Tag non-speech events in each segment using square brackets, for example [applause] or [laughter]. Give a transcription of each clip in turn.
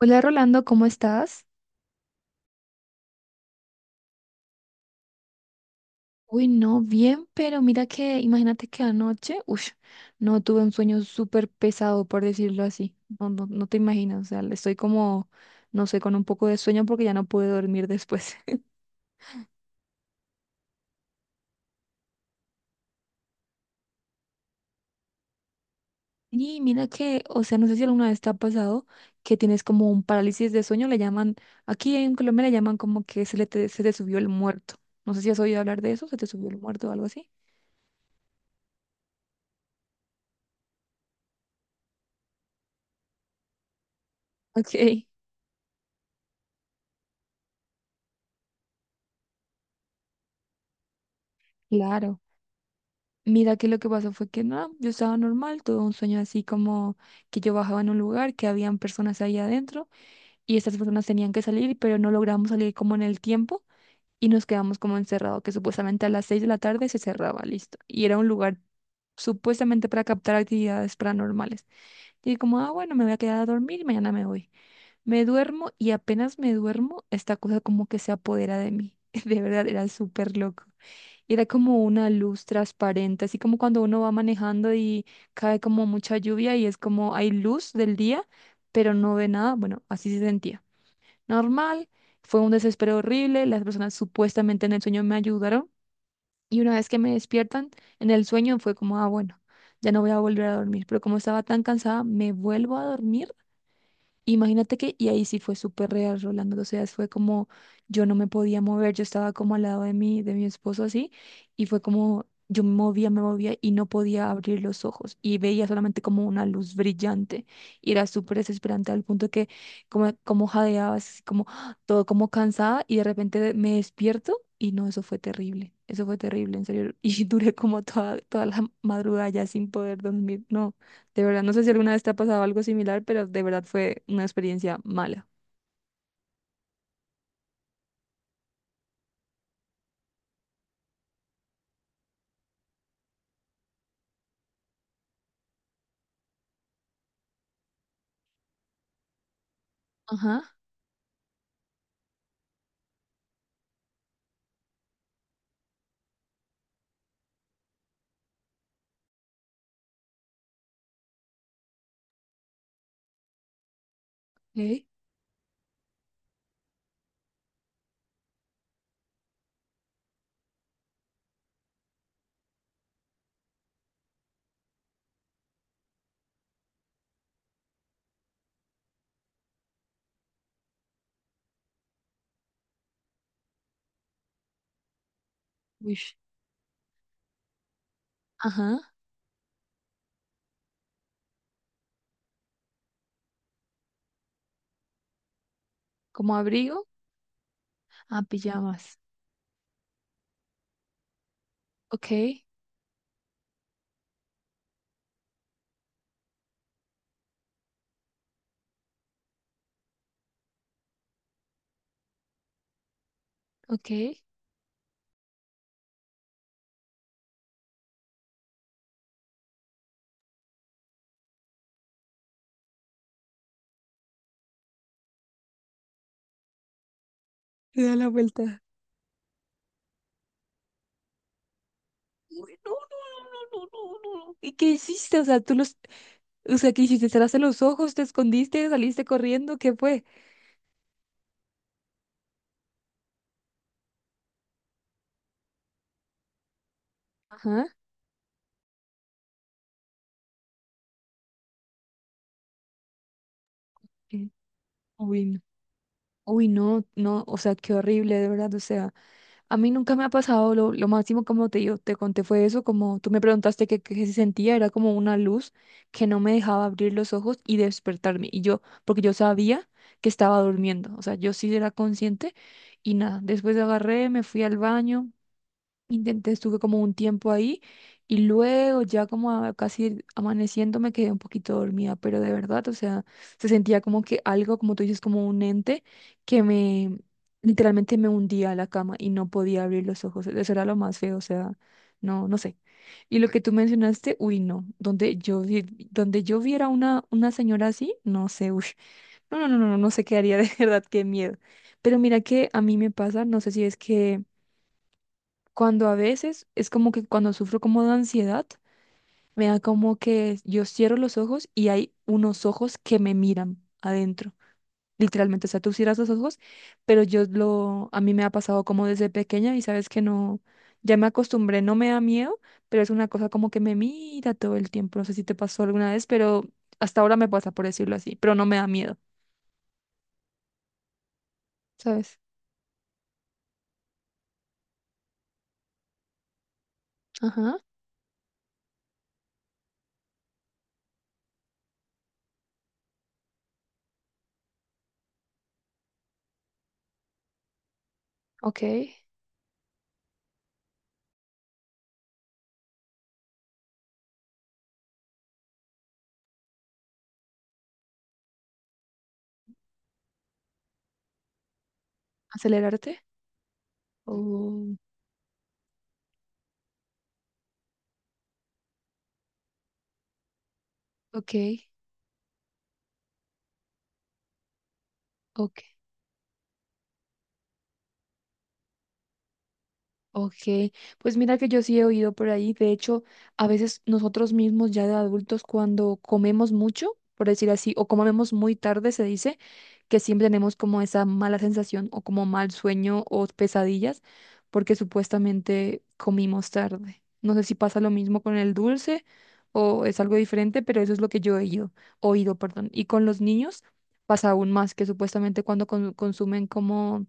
Hola Rolando, ¿cómo estás? Uy, no, bien, pero mira que, imagínate que anoche, uy, no tuve un sueño súper pesado, por decirlo así. No, no, no te imaginas, o sea, estoy como, no sé, con un poco de sueño porque ya no pude dormir después. [laughs] Y mira que, o sea, no sé si alguna vez te ha pasado que tienes como un parálisis de sueño, le llaman, aquí en Colombia le llaman como que se te subió el muerto. No sé si has oído hablar de eso, se te subió el muerto o algo así. Ok, claro. Mira que lo que pasó fue que nada, yo estaba normal, tuve un sueño así como que yo bajaba en un lugar, que habían personas ahí adentro y estas personas tenían que salir, pero no logramos salir como en el tiempo y nos quedamos como encerrados, que supuestamente a las 6 de la tarde se cerraba, listo. Y era un lugar supuestamente para captar actividades paranormales. Y dije como, ah, bueno, me voy a quedar a dormir y mañana me voy. Me duermo y apenas me duermo, esta cosa como que se apodera de mí. [laughs] De verdad, era súper loco. Era como una luz transparente, así como cuando uno va manejando y cae como mucha lluvia y es como hay luz del día, pero no ve nada. Bueno, así se sentía. Normal, fue un desespero horrible, las personas supuestamente en el sueño me ayudaron y una vez que me despiertan en el sueño fue como, ah, bueno, ya no voy a volver a dormir, pero como estaba tan cansada, me vuelvo a dormir. Imagínate que, y ahí sí fue súper real, Rolando, o sea, fue como, yo no me podía mover, yo estaba como al lado de de mi esposo así, y fue como, me movía y no podía abrir los ojos, y veía solamente como una luz brillante, y era súper desesperante al punto que como jadeaba, así como, ¡ah!, todo como cansada, y de repente me despierto, y no, eso fue terrible, en serio, [laughs] y duré como toda la madrugada ya sin poder dormir, no. De verdad, no sé si alguna vez te ha pasado algo similar, pero de verdad fue una experiencia mala. Ajá, ok, wish. Ajá, como abrigo, ah, pijamas. Ok, ok. Te da la vuelta. Uy, no, no, no, no, no, no, no. ¿Y qué hiciste? O sea, o sea, ¿qué hiciste? ¿Cerraste los ojos? ¿Te escondiste? ¿Saliste corriendo? ¿Qué fue? Ajá. Qué. Uy, no. Uy, no, no, o sea, qué horrible, de verdad, o sea. A mí nunca me ha pasado, lo máximo como te digo, te conté fue eso, como tú me preguntaste qué se sentía, era como una luz que no me dejaba abrir los ojos y despertarme. Y yo, porque yo sabía que estaba durmiendo, o sea, yo sí era consciente y nada, después agarré, me fui al baño. Intenté, estuve como un tiempo ahí y luego ya como casi amaneciendo me quedé un poquito dormida, pero de verdad, o sea, se sentía como que algo, como tú dices, como un ente que me literalmente me hundía a la cama y no podía abrir los ojos. Eso era lo más feo, o sea, no, no sé. Y lo que tú mencionaste, uy, no, donde donde yo viera una señora así, no sé, uy, no, no, no, no, no sé qué haría [laughs] de verdad, qué miedo. Pero mira que a mí me pasa, no sé si es que cuando a veces es como que cuando sufro como de ansiedad, me da como que yo cierro los ojos y hay unos ojos que me miran adentro. Literalmente, o sea, tú cierras los ojos, pero a mí me ha pasado como desde pequeña y sabes que no, ya me acostumbré, no me da miedo, pero es una cosa como que me mira todo el tiempo. No sé si te pasó alguna vez, pero hasta ahora me pasa, por decirlo así, pero no me da miedo, ¿sabes? Ajá, ok. Acelerarte. Oh, ok, ok. Ok, pues mira que yo sí he oído por ahí, de hecho, a veces nosotros mismos ya de adultos cuando comemos mucho, por decir así, o comemos muy tarde, se dice que siempre tenemos como esa mala sensación o como mal sueño o pesadillas porque supuestamente comimos tarde. No sé si pasa lo mismo con el dulce o es algo diferente, pero eso es lo que yo he oído, perdón. Y con los niños pasa aún más que supuestamente cuando consumen como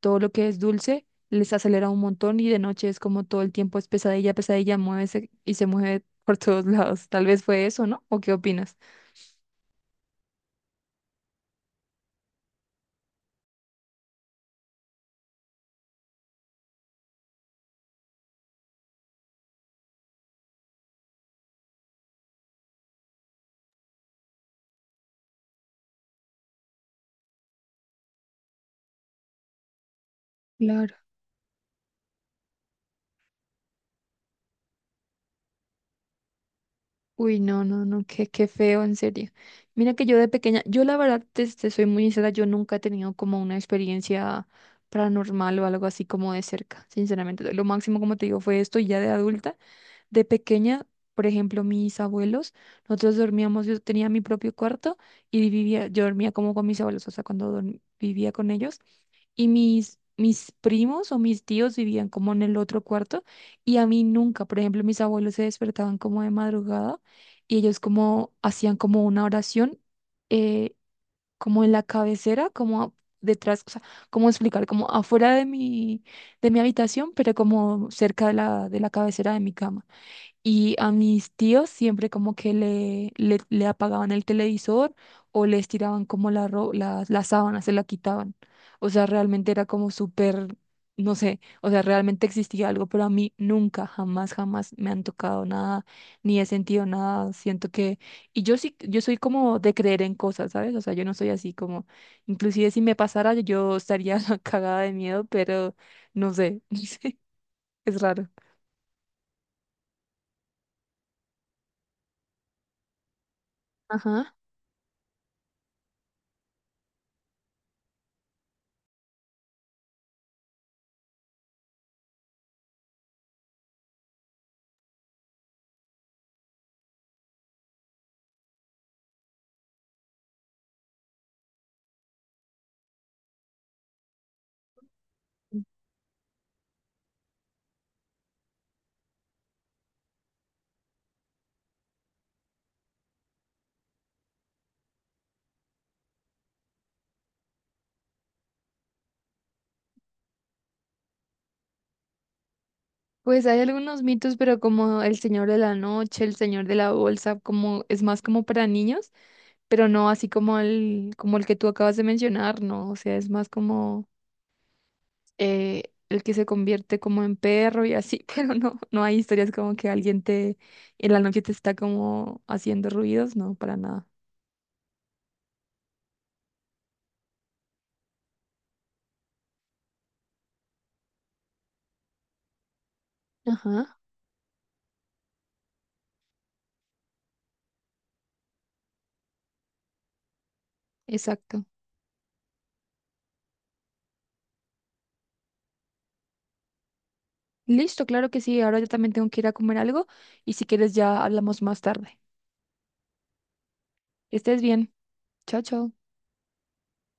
todo lo que es dulce les acelera un montón y de noche es como todo el tiempo es pesadilla, pesadilla, muévese y se mueve [laughs] por todos lados. Tal vez fue eso, ¿no? ¿O qué opinas? Claro. Uy, no, no, no, qué, qué feo, en serio. Mira que yo de pequeña, yo la verdad, te soy muy sincera, yo nunca he tenido como una experiencia paranormal o algo así como de cerca, sinceramente. Lo máximo, como te digo, fue esto y ya de adulta. De pequeña, por ejemplo, mis abuelos, nosotros dormíamos, yo tenía mi propio cuarto y vivía, yo dormía como con mis abuelos, o sea, cuando vivía con ellos. Y mis primos o mis tíos vivían como en el otro cuarto y a mí nunca, por ejemplo, mis abuelos se despertaban como de madrugada y ellos como hacían como una oración, eh, como en la cabecera, como detrás, o sea, cómo explicar, como afuera de de mi habitación, pero como cerca de de la cabecera de mi cama. Y a mis tíos siempre como que le apagaban el televisor o les tiraban como la sábana, se la quitaban. O sea, realmente era como súper, no sé, o sea, realmente existía algo, pero a mí nunca, jamás, jamás me han tocado nada, ni he sentido nada. Siento que, y yo sí, yo soy como de creer en cosas, ¿sabes? O sea, yo no soy así como, inclusive si me pasara, yo estaría [laughs] cagada de miedo, pero no sé, [laughs] no sé, es raro. Ajá. Pues hay algunos mitos, pero como El Señor de la Noche, El Señor de la Bolsa, como es más como para niños, pero no así como como el que tú acabas de mencionar, no, o sea, es más como el que se convierte como en perro y así, [laughs] pero no, no hay historias como que alguien te en la noche te está como haciendo ruidos, no, para nada. Ajá, exacto. Listo, claro que sí, ahora yo también tengo que ir a comer algo y si quieres ya hablamos más tarde. Que estés bien. Chao, chao.